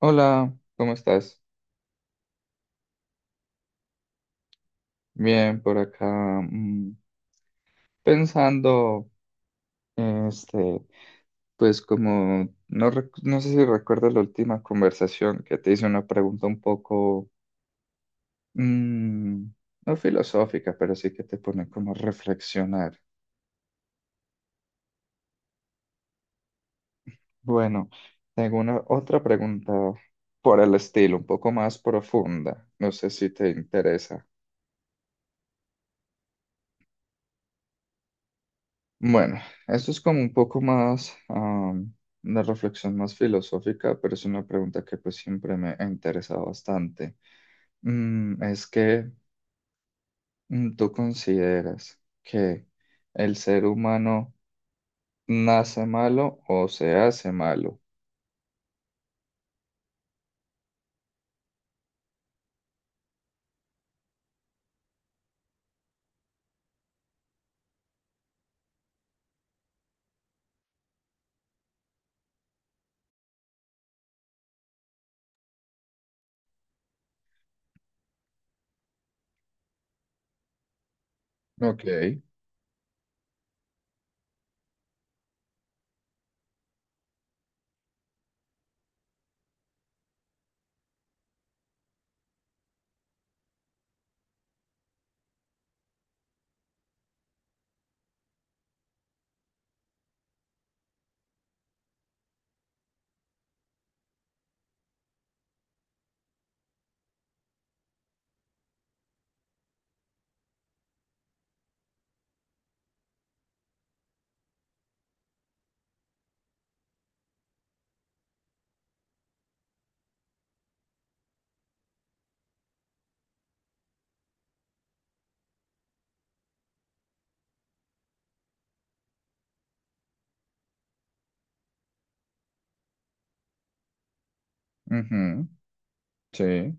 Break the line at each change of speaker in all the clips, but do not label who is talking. Hola, ¿cómo estás? Bien, por acá, pensando, este, pues como, no, no sé si recuerdas la última conversación que te hice una pregunta un poco, mm, no filosófica, pero sí que te pone como a reflexionar. Bueno, tengo una otra pregunta por el estilo, un poco más profunda, no sé si te interesa. Bueno, esto es como un poco más, una reflexión más filosófica, pero es una pregunta que pues siempre me ha interesado bastante. Es que tú consideras que el ser humano nace malo o se hace malo. Ok. Ujú. Sí,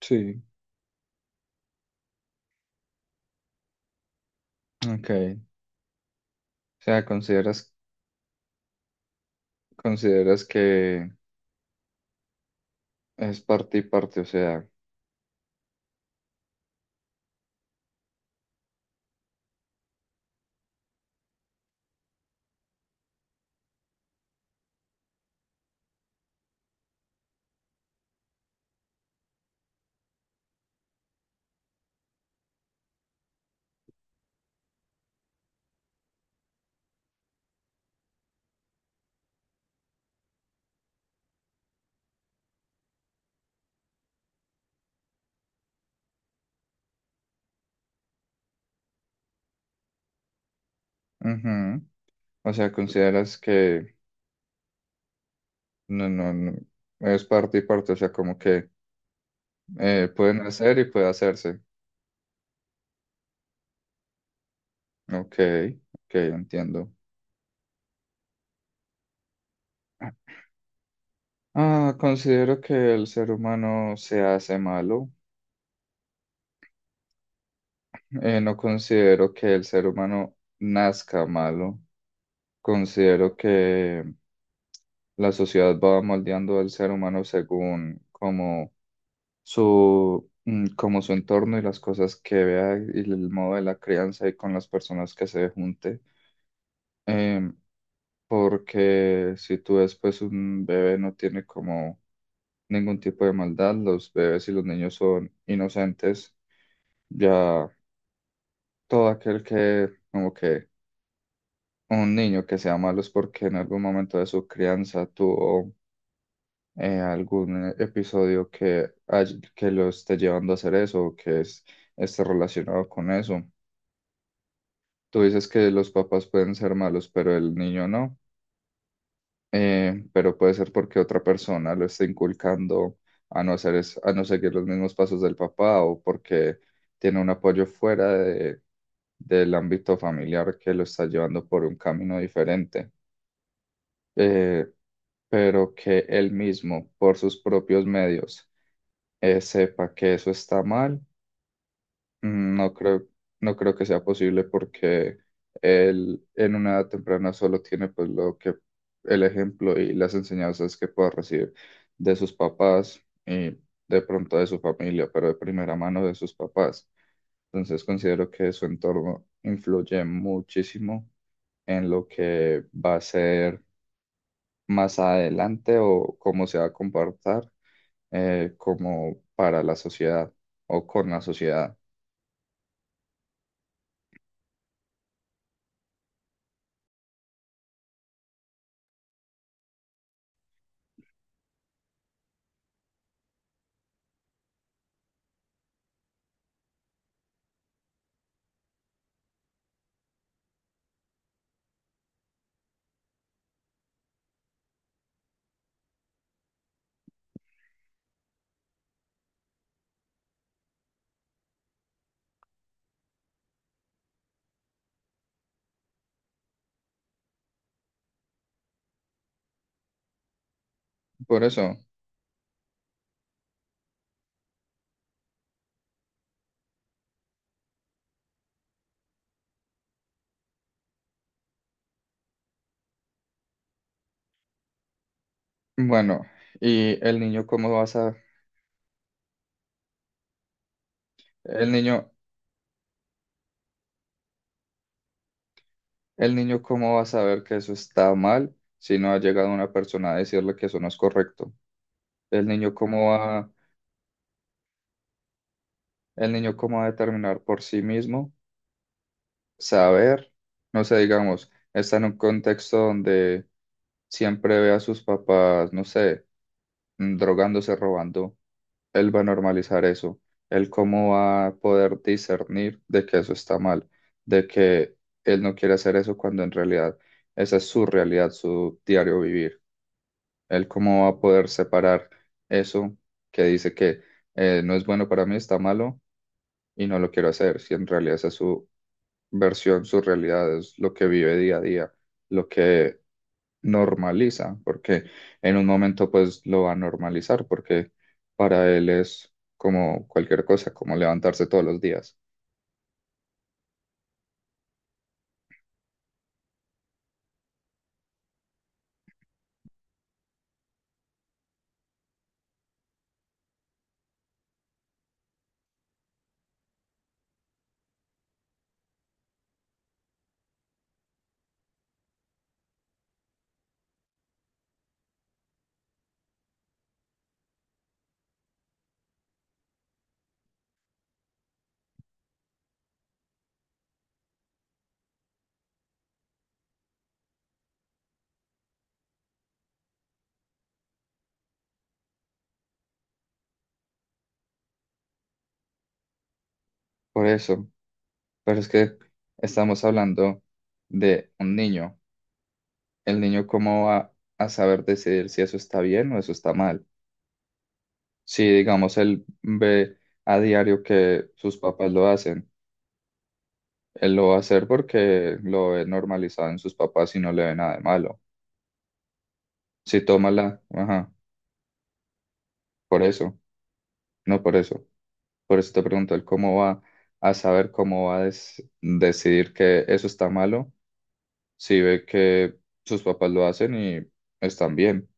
sí. Ok. O sea, consideras, consideras que es parte y parte, o sea, ujú. O sea, consideras que no, no, no. Es parte y parte, o sea, como que pueden hacer y puede hacerse. Ok, ok, entiendo. Ah, considero que el ser humano se hace malo. No considero que el ser humano nazca malo. Considero que la sociedad va moldeando al ser humano según como su, como su entorno y las cosas que vea y el modo de la crianza y con las personas que se junte. Em, porque si tú ves, pues un bebé no tiene como ningún tipo de maldad, los bebés y los niños son inocentes, ya todo aquel que, como que un niño que sea malo es porque en algún momento de su crianza tuvo algún episodio que, que lo esté llevando a hacer eso o que es, esté relacionado con eso. Tú dices que los papás pueden ser malos, pero el niño no. Pero puede ser porque otra persona lo está inculcando a no hacer a no seguir los mismos pasos del papá o porque tiene un apoyo del ámbito familiar que lo está llevando por un camino diferente, eh, pero que él mismo, por sus propios medios, sepa que eso está mal. No creo, no creo que sea posible porque él en una edad temprana solo tiene pues lo que el ejemplo y las enseñanzas que pueda recibir de sus papás y de pronto de su familia, pero de primera mano de sus papás. Entonces considero que su entorno influye muchísimo en lo que va a ser más adelante o cómo se va a comportar, como para la sociedad o con la sociedad. Por eso. Bueno, y el niño cómo va a sa- el niño, el niño cómo va a saber que eso está mal si no ha llegado una persona a decirle que eso no es correcto. El niño cómo va, el niño cómo va a determinar por sí mismo saber, no sé, digamos, está en un contexto donde siempre ve a sus papás, no sé, drogándose, robando. Él va a normalizar eso, él cómo va a poder discernir de que eso está mal, de que él no quiere hacer eso cuando en realidad esa es su realidad, su diario vivir, él cómo va a poder separar eso que dice que no es bueno para mí, está malo y no lo quiero hacer, si en realidad esa es su versión, su realidad, es lo que vive día a día, lo que normaliza, porque en un momento pues lo va a normalizar, porque para él es como cualquier cosa, como levantarse todos los días. Por eso, pero es que estamos hablando de un niño. El niño cómo va a saber decidir si eso está bien o eso está mal. Si digamos él ve a diario que sus papás lo hacen, él lo va a hacer porque lo ve normalizado en sus papás y no le ve nada de malo. Si toma la, ajá, por eso, no por eso. Por eso te pregunto, el cómo va a saber cómo va a decidir que eso está malo si ve que sus papás lo hacen y están bien.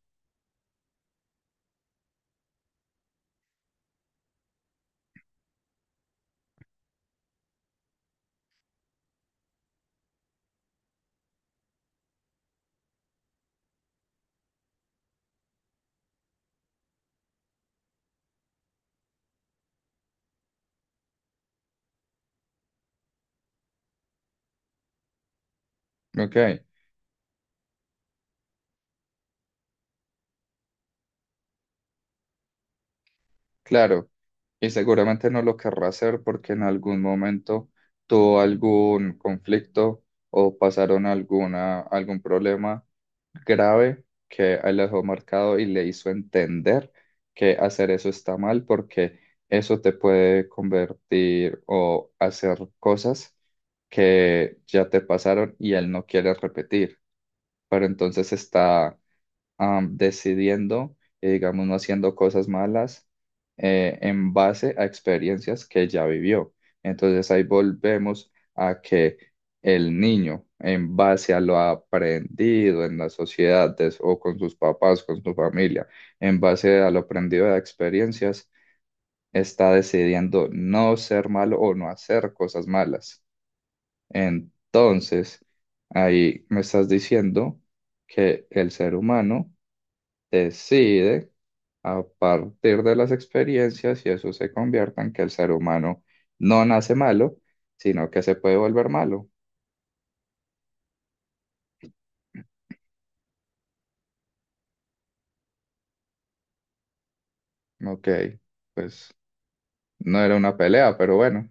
Ok, claro. Y seguramente no lo querrá hacer porque en algún momento tuvo algún conflicto o pasaron alguna, algún problema grave que él le dejó marcado y le hizo entender que hacer eso está mal porque eso te puede convertir o hacer cosas que ya te pasaron y él no quiere repetir. Pero entonces está decidiendo y digamos no haciendo cosas malas, en base a experiencias que ya vivió. Entonces ahí volvemos a que el niño, en base a lo aprendido en la sociedad o con sus papás, con su familia, en base a lo aprendido de experiencias, está decidiendo no ser malo o no hacer cosas malas. Entonces, ahí me estás diciendo que el ser humano decide a partir de las experiencias y eso se convierta en que el ser humano no nace malo, sino que se puede volver malo. Ok, pues no era una pelea, pero bueno.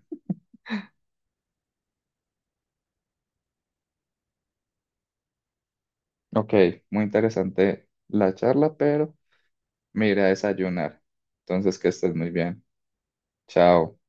Ok, muy interesante la charla, pero me iré a desayunar. Entonces, que estés muy bien. Chao.